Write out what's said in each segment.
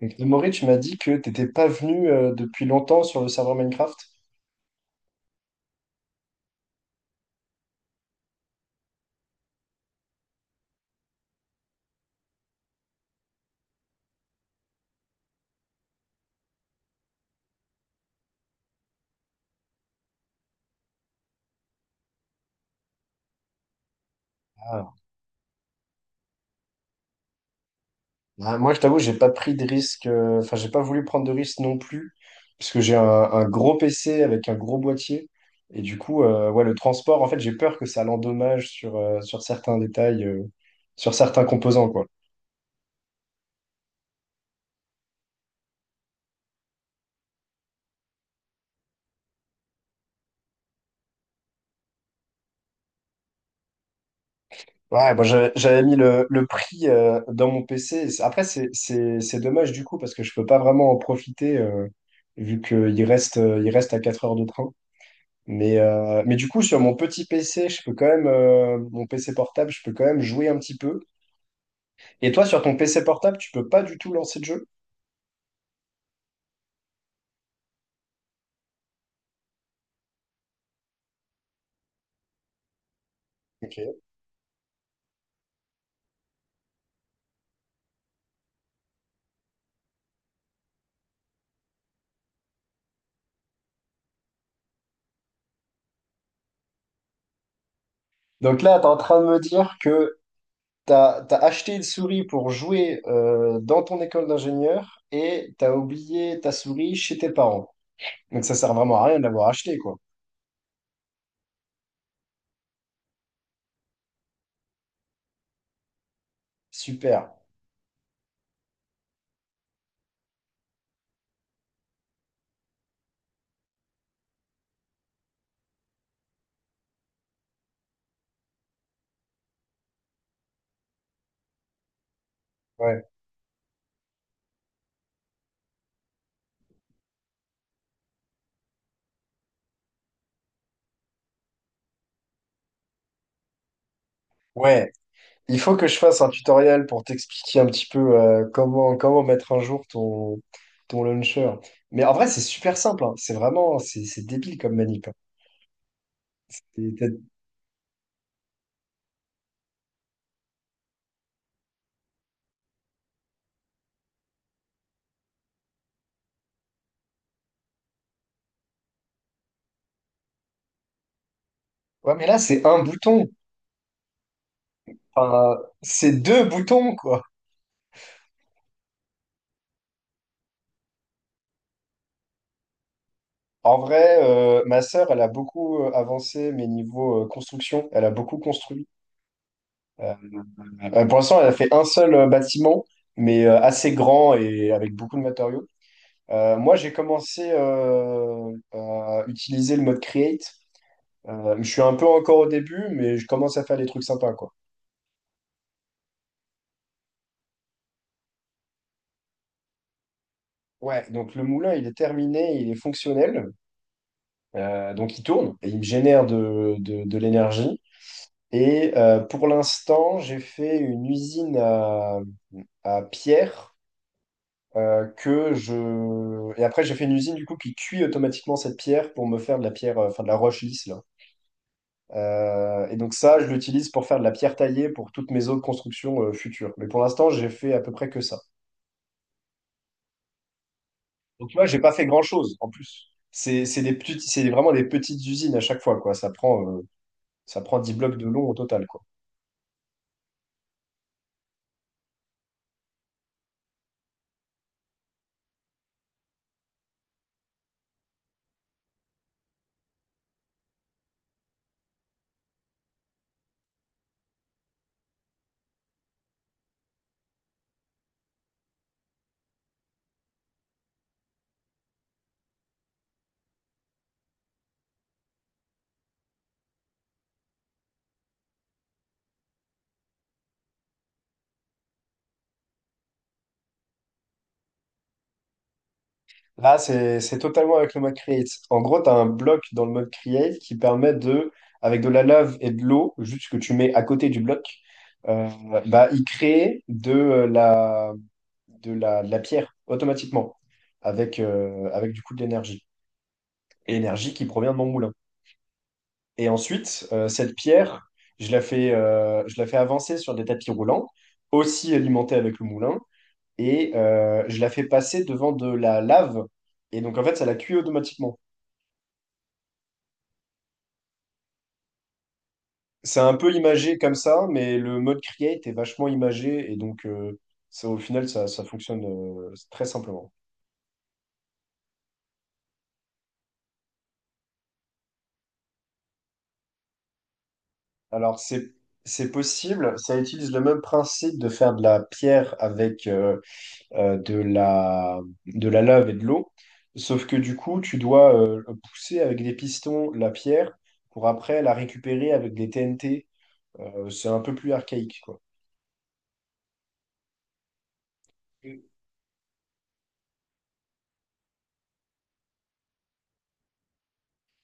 Et Maurice, tu m'as dit que t'étais pas venu depuis longtemps sur le serveur Minecraft. Ah. Bah, moi, je t'avoue, j'ai pas pris de risque, enfin, j'ai pas voulu prendre de risque non plus, parce que j'ai un gros PC avec un gros boîtier. Et du coup, ouais, le transport, en fait, j'ai peur que ça l'endommage sur certains détails, sur certains composants, quoi. Ouais, moi j'avais mis le prix dans mon PC. Après, c'est dommage du coup parce que je peux pas vraiment en profiter vu qu'il reste à 4 heures de train. Mais du coup, sur mon petit PC, je peux quand même, mon PC portable, je peux quand même jouer un petit peu. Et toi, sur ton PC portable, tu peux pas du tout lancer de jeu. Ok. Donc là, tu es en train de me dire que tu as acheté une souris pour jouer dans ton école d'ingénieur et tu as oublié ta souris chez tes parents. Donc ça sert vraiment à rien de l'avoir acheté, quoi. Super. Ouais. Ouais. Il faut que je fasse un tutoriel pour t'expliquer un petit peu comment mettre un jour ton launcher. Mais en vrai, c'est super simple, hein. C'est vraiment, c'est débile comme manip. Et t'as- Ouais, mais là, c'est un bouton. Enfin, c'est deux boutons, quoi. En vrai, ma sœur, elle a beaucoup avancé, mais niveau construction, elle a beaucoup construit. Euh, pour l'instant, elle a fait un seul bâtiment, mais assez grand et avec beaucoup de matériaux. Moi, j'ai commencé à utiliser le mode create. Je suis un peu encore au début, mais je commence à faire des trucs sympas, quoi. Ouais, donc le moulin, il est terminé, il est fonctionnel. Donc il tourne et il me génère de l'énergie. Et pour l'instant, j'ai fait une usine à pierre. Et après, j'ai fait une usine, du coup, qui cuit automatiquement cette pierre pour me faire de la pierre, enfin de la roche lisse, là. Et donc ça, je l'utilise pour faire de la pierre taillée pour toutes mes autres constructions futures. Mais pour l'instant, j'ai fait à peu près que ça. Donc tu vois, j'ai pas fait grand-chose en plus. C'est des petites, c'est vraiment des petites usines à chaque fois, quoi. Ça prend 10 blocs de long au total, quoi. Là, c'est totalement avec le mode create. En gros, tu as un bloc dans le mode create qui permet de, avec de la lave et de l'eau, juste que tu mets à côté du bloc, euh, bah, il crée de la pierre automatiquement, avec du coup de l'énergie. Et l'énergie qui provient de mon moulin. Et ensuite, cette pierre, je la fais avancer sur des tapis roulants, aussi alimentés avec le moulin, et je la fais passer devant de la lave. Et donc, en fait, ça la cuit automatiquement. C'est un peu imagé comme ça, mais le mode create est vachement imagé et donc au final ça fonctionne très simplement. Alors c'est possible, ça utilise le même principe de faire de la pierre avec euh, de la de la lave et de l'eau, sauf que du coup tu dois pousser avec des pistons la pierre pour après la récupérer avec des TNT. C'est un peu plus archaïque, quoi.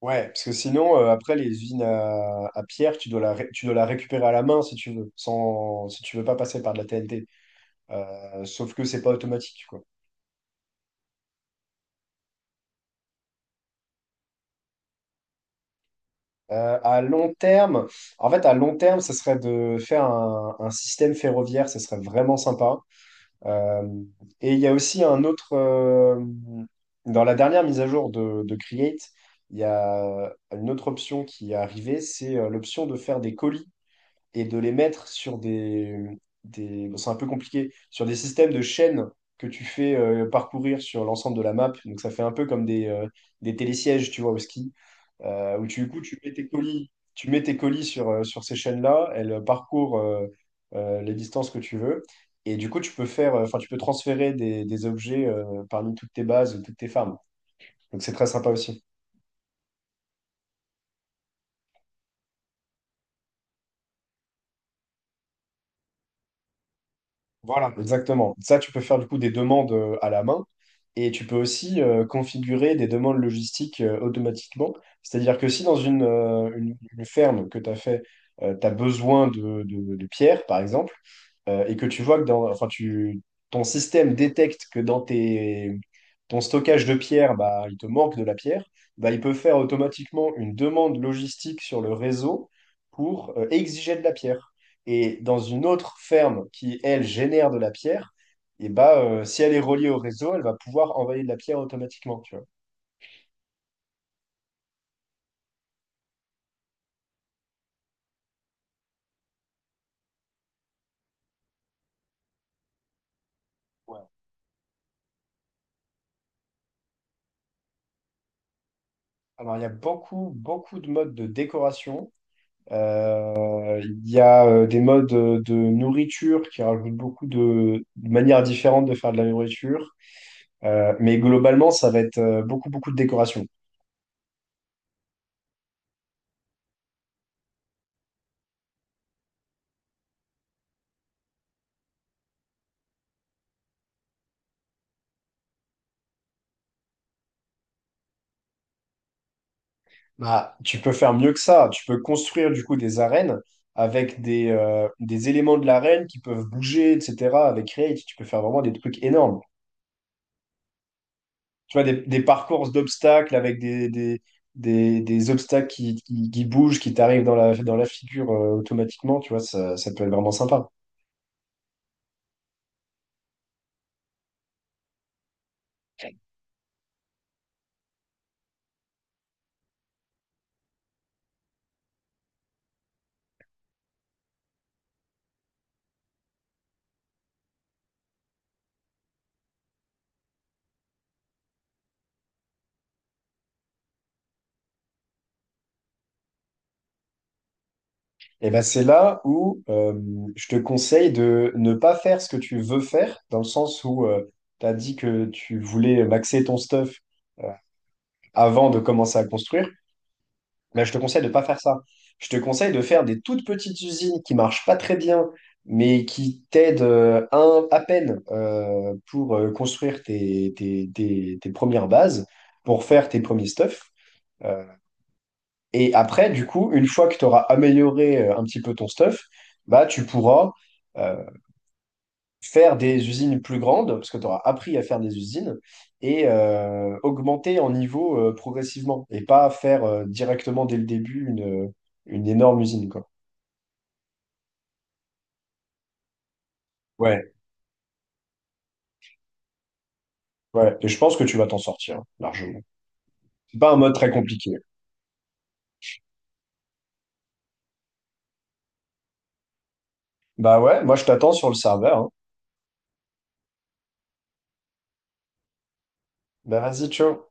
Ouais, parce que sinon, après, les usines à pierre, tu dois la récupérer à la main si tu veux, sans, si tu veux pas passer par de la TNT. Sauf que c'est pas automatique, quoi. À long terme, en fait, à long terme, ce serait de faire un système ferroviaire, ce serait vraiment sympa. Euh, et il y a aussi un autre, dans la dernière mise à jour de Create, il y a une autre option qui est arrivée, c'est l'option de faire des colis et de les mettre sur des bon, c'est un peu compliqué, sur des systèmes de chaînes que tu fais parcourir sur l'ensemble de la map. Donc ça fait un peu comme des télésièges, tu vois, au ski, où du coup, tu mets tes colis, tu mets tes colis sur ces chaînes-là, elles parcourent les distances que tu veux. Et du coup, enfin, tu peux transférer des objets parmi toutes tes bases, toutes tes farms. Donc c'est très sympa aussi. Voilà, exactement. Ça, tu peux faire du coup des demandes à la main et tu peux aussi configurer des demandes logistiques automatiquement. C'est-à-dire que si dans une ferme que tu as fait, tu as besoin de pierres, par exemple, et que tu vois que dans, enfin, ton système détecte que dans ton stockage de pierres, bah, il te manque de la pierre, bah, il peut faire automatiquement une demande logistique sur le réseau pour exiger de la pierre. Et dans une autre ferme qui, elle, génère de la pierre, et bah, si elle est reliée au réseau, elle va pouvoir envoyer de la pierre automatiquement, tu vois. Ouais. Alors, il y a beaucoup, beaucoup de modes de décoration. Il y a des modes de nourriture qui rajoutent beaucoup de manières différentes de faire de la nourriture. Mais globalement, ça va être beaucoup, beaucoup de décoration. Bah, tu peux faire mieux que ça. Tu peux construire du coup des arènes avec des éléments de l'arène qui peuvent bouger, etc. Avec Create, tu peux faire vraiment des trucs énormes. Tu vois, des parcours d'obstacles avec des obstacles qui bougent, qui t'arrivent dans la figure automatiquement. Tu vois, ça peut être vraiment sympa. Et ben c'est là où je te conseille de ne pas faire ce que tu veux faire, dans le sens où tu as dit que tu voulais maxer ton stuff euh, avant de commencer à construire. Bah, je te conseille de ne pas faire ça. Je te conseille de faire des toutes petites usines qui marchent pas très bien, mais qui t'aident un, à peine pour construire tes premières bases, pour faire tes premiers stuffs. Euh, et après, du coup, une fois que tu auras amélioré un petit peu ton stuff, bah, tu pourras euh, faire des usines plus grandes, parce que tu auras appris à faire des usines, et augmenter en niveau progressivement, et pas faire directement dès le début une énorme usine, quoi. Ouais, ouais, et je pense que tu vas t'en sortir, hein, largement. C'est pas un mode très compliqué. Bah ouais, moi je t'attends sur le serveur, hein. Bah vas-y, ciao.